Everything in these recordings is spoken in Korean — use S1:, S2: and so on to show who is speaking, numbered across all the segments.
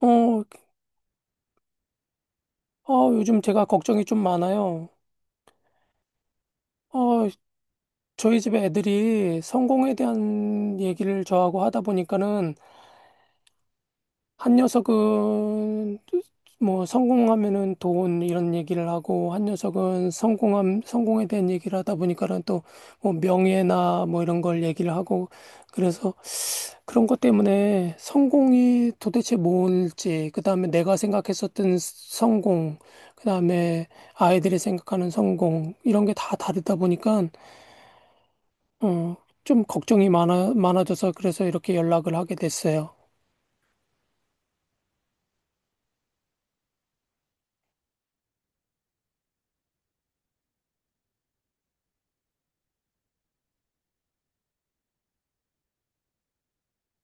S1: 어, 요즘 제가 걱정이 좀 많아요. 어, 저희 집에 애들이 성공에 대한 얘기를 저하고 하다 보니까는 한 녀석은 뭐 성공하면은 돈 이런 얘기를 하고 한 녀석은 성공함 성공에 대한 얘기를 하다 보니까는 또 뭐 명예나 뭐 이런 걸 얘기를 하고 그래서 그런 것 때문에 성공이 도대체 뭘지, 그 다음에 내가 생각했었던 성공, 그 다음에 아이들이 생각하는 성공, 이런 게 다 다르다 보니까, 어, 좀 걱정이 많아져서 그래서 이렇게 연락을 하게 됐어요.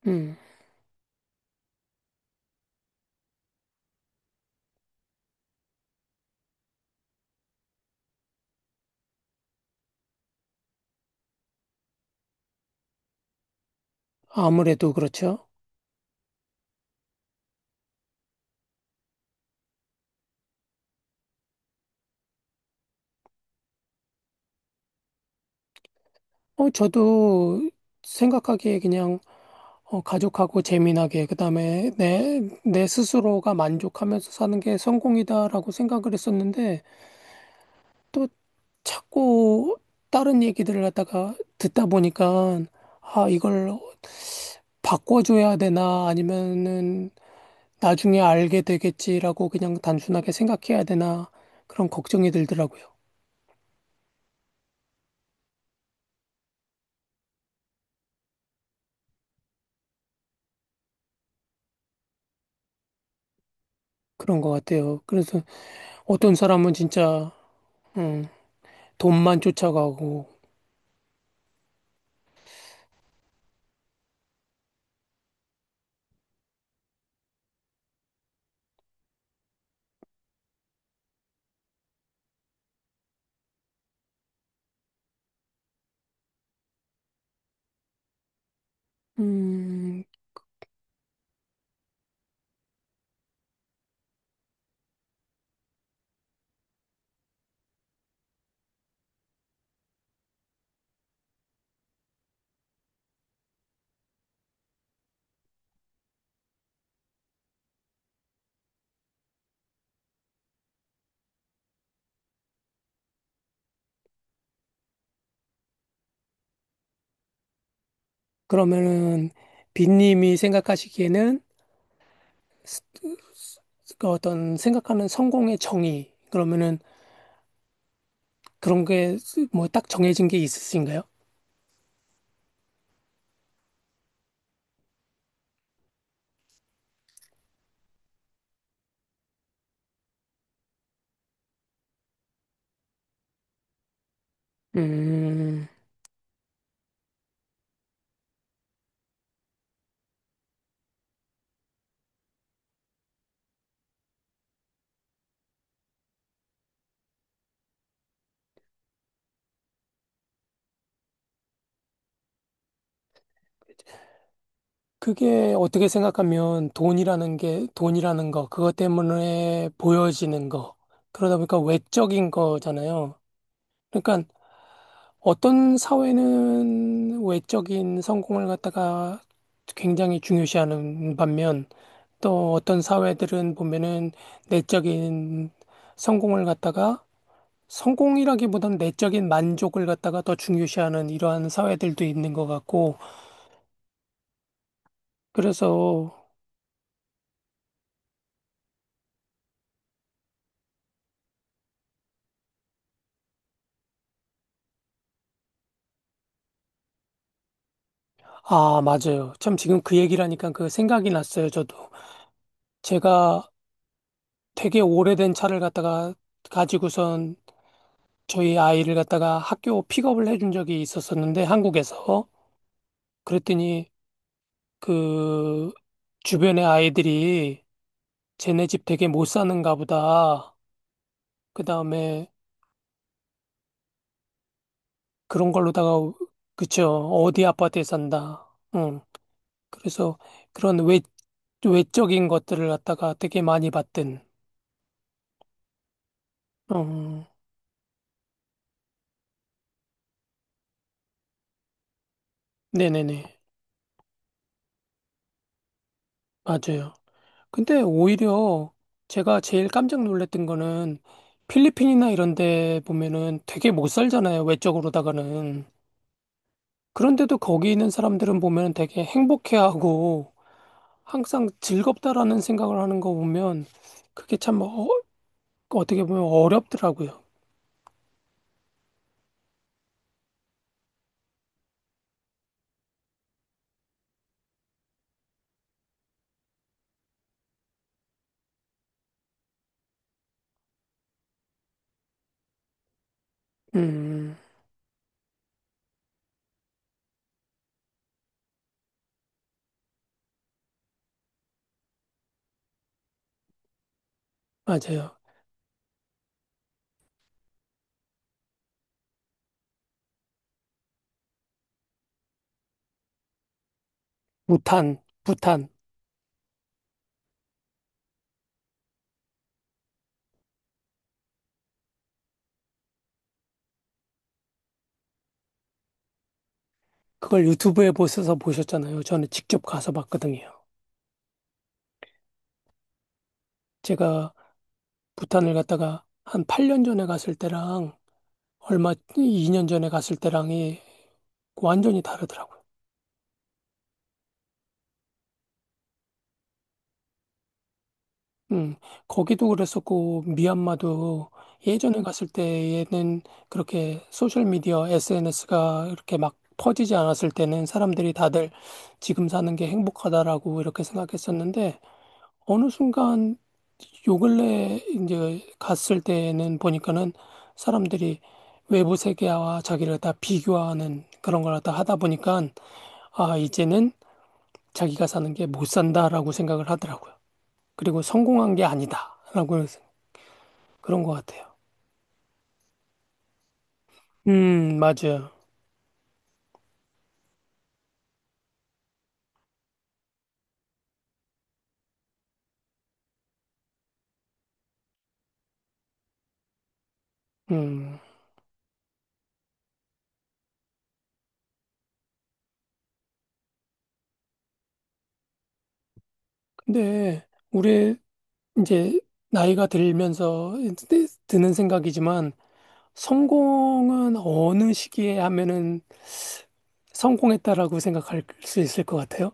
S1: 음, 아무래도 그렇죠. 저도 생각하기에 그냥, 가족하고 재미나게, 그 다음에 내 스스로가 만족하면서 사는 게 성공이다라고 생각을 했었는데, 또 자꾸 다른 얘기들을 갖다가 듣다 보니까, 이걸 바꿔줘야 되나, 아니면은 나중에 알게 되겠지라고 그냥 단순하게 생각해야 되나, 그런 걱정이 들더라고요. 그런 것 같아요. 그래서 어떤 사람은 진짜, 음, 돈만 쫓아가고, 음, 그러면은 빈님이 생각하시기에는 스- 그 어떤 생각하는 성공의 정의, 그러면은 그런 게 뭐 딱 정해진 게 있으신가요? 음, 그게 어떻게 생각하면 돈이라는 게 돈이라는 거, 그것 때문에 보여지는 거, 그러다 보니까 외적인 거잖아요. 그러니까 어떤 사회는 외적인 성공을 갖다가 굉장히 중요시하는 반면 또 어떤 사회들은 보면은 내적인 성공을 갖다가 성공이라기보단 내적인 만족을 갖다가 더 중요시하는 이러한 사회들도 있는 것 같고 그래서 아, 맞아요. 참 지금 그 얘기를 하니까 그 생각이 났어요, 저도. 제가 되게 오래된 차를 갖다가 가지고선 저희 아이를 갖다가 학교 픽업을 해준 적이 있었었는데, 한국에서. 그랬더니 그 주변의 아이들이 쟤네 집 되게 못 사는가 보다. 그 다음에 그런 걸로다가, 그쵸. 어디 아파트에 산다. 응. 그래서 그런 외적인 것들을 갖다가 되게 많이 봤던. 음, 네네네. 맞아요. 근데 오히려 제가 제일 깜짝 놀랐던 거는 필리핀이나 이런 데 보면은 되게 못 살잖아요. 외적으로다가는. 그런데도 거기 있는 사람들은 보면 되게 행복해하고 항상 즐겁다라는 생각을 하는 거 보면 그게 참 어떻게 보면 어렵더라고요. 음, 맞아요. 부탄, 부탄. 그걸 유튜브에 보셔서 보셨잖아요. 저는 직접 가서 봤거든요. 제가 부탄을 갔다가 한 8년 전에 갔을 때랑 얼마 2년 전에 갔을 때랑이 완전히 다르더라고요. 음, 거기도 그랬었고 미얀마도 예전에 갔을 때에는 그렇게 소셜 미디어 SNS가 이렇게 막 퍼지지 않았을 때는 사람들이 다들 지금 사는 게 행복하다라고 이렇게 생각했었는데 어느 순간 요 근래 이제 갔을 때는 보니까는 사람들이 외부 세계와 자기를 다 비교하는 그런 걸 다 하다 보니까 이제는 자기가 사는 게 못 산다라고 생각을 하더라고요. 그리고 성공한 게 아니다라고 그런 것 같아요. 맞아요. 음. 근데 우리 이제 나이가 들면서 드는 생각이지만 성공은 어느 시기에 하면은 성공했다라고 생각할 수 있을 것 같아요.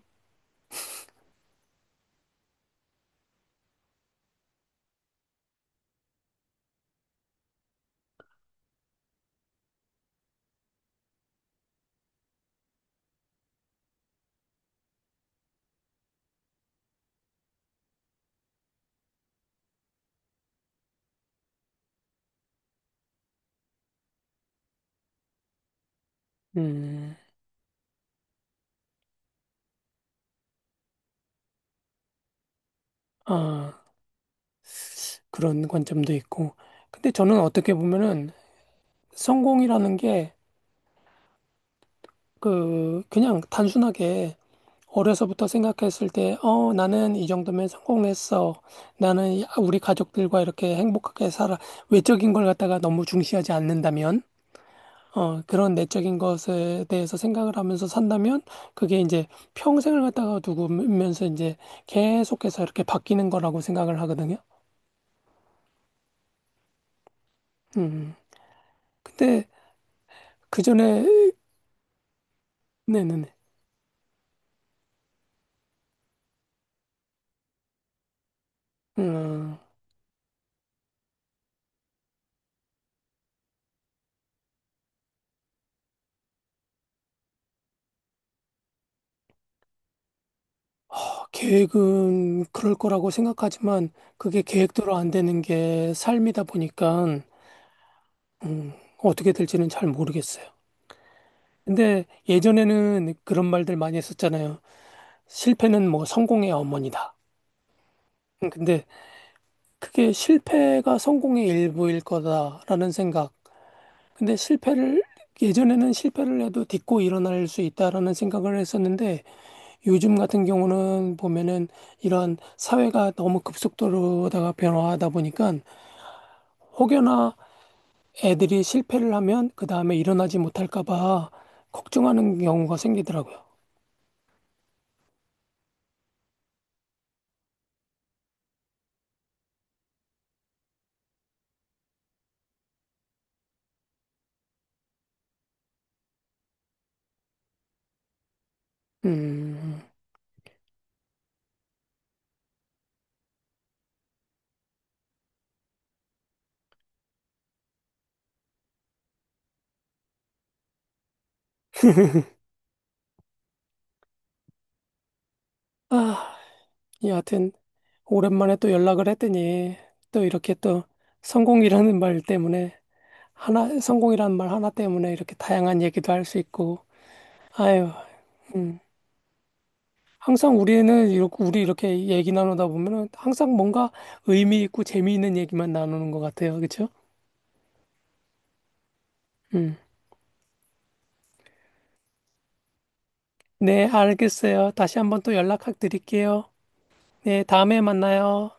S1: 음. 아, 그런 관점도 있고. 근데 저는 어떻게 보면은 성공이라는 게 그냥 단순하게 어려서부터 생각했을 때, 나는 이 정도면 성공했어. 나는 우리 가족들과 이렇게 행복하게 살아. 외적인 걸 갖다가 너무 중시하지 않는다면, 그런 내적인 것에 대해서 생각을 하면서 산다면, 그게 이제 평생을 갖다가 두면서 이제 계속해서 이렇게 바뀌는 거라고 생각을 하거든요. 음. 근데 그 전에, 네네네. 음, 계획은 그럴 거라고 생각하지만, 그게 계획대로 안 되는 게 삶이다 보니까, 음, 어떻게 될지는 잘 모르겠어요. 근데 예전에는 그런 말들 많이 했었잖아요. 실패는 뭐 성공의 어머니다. 근데 그게 실패가 성공의 일부일 거다라는 생각. 근데 실패를 예전에는 실패를 해도 딛고 일어날 수 있다라는 생각을 했었는데 요즘 같은 경우는 보면은 이런 사회가 너무 급속도로다가 변화하다 보니까 혹여나 애들이 실패를 하면 그 다음에 일어나지 못할까 봐 걱정하는 경우가 생기더라고요. 음, 아, 여하튼, 오랜만에 또 연락을 했더니, 또 이렇게 또 성공이라는 말 때문에, 하나, 성공이라는 말 하나 때문에 이렇게 다양한 얘기도 할 수 있고, 아유, 음, 항상 우리는, 이렇게, 우리 이렇게 얘기 나누다 보면은 항상 뭔가 의미 있고 재미있는 얘기만 나누는 것 같아요. 그쵸? 음, 네, 알겠어요. 다시 한번 또 연락 드릴게요. 네, 다음에 만나요.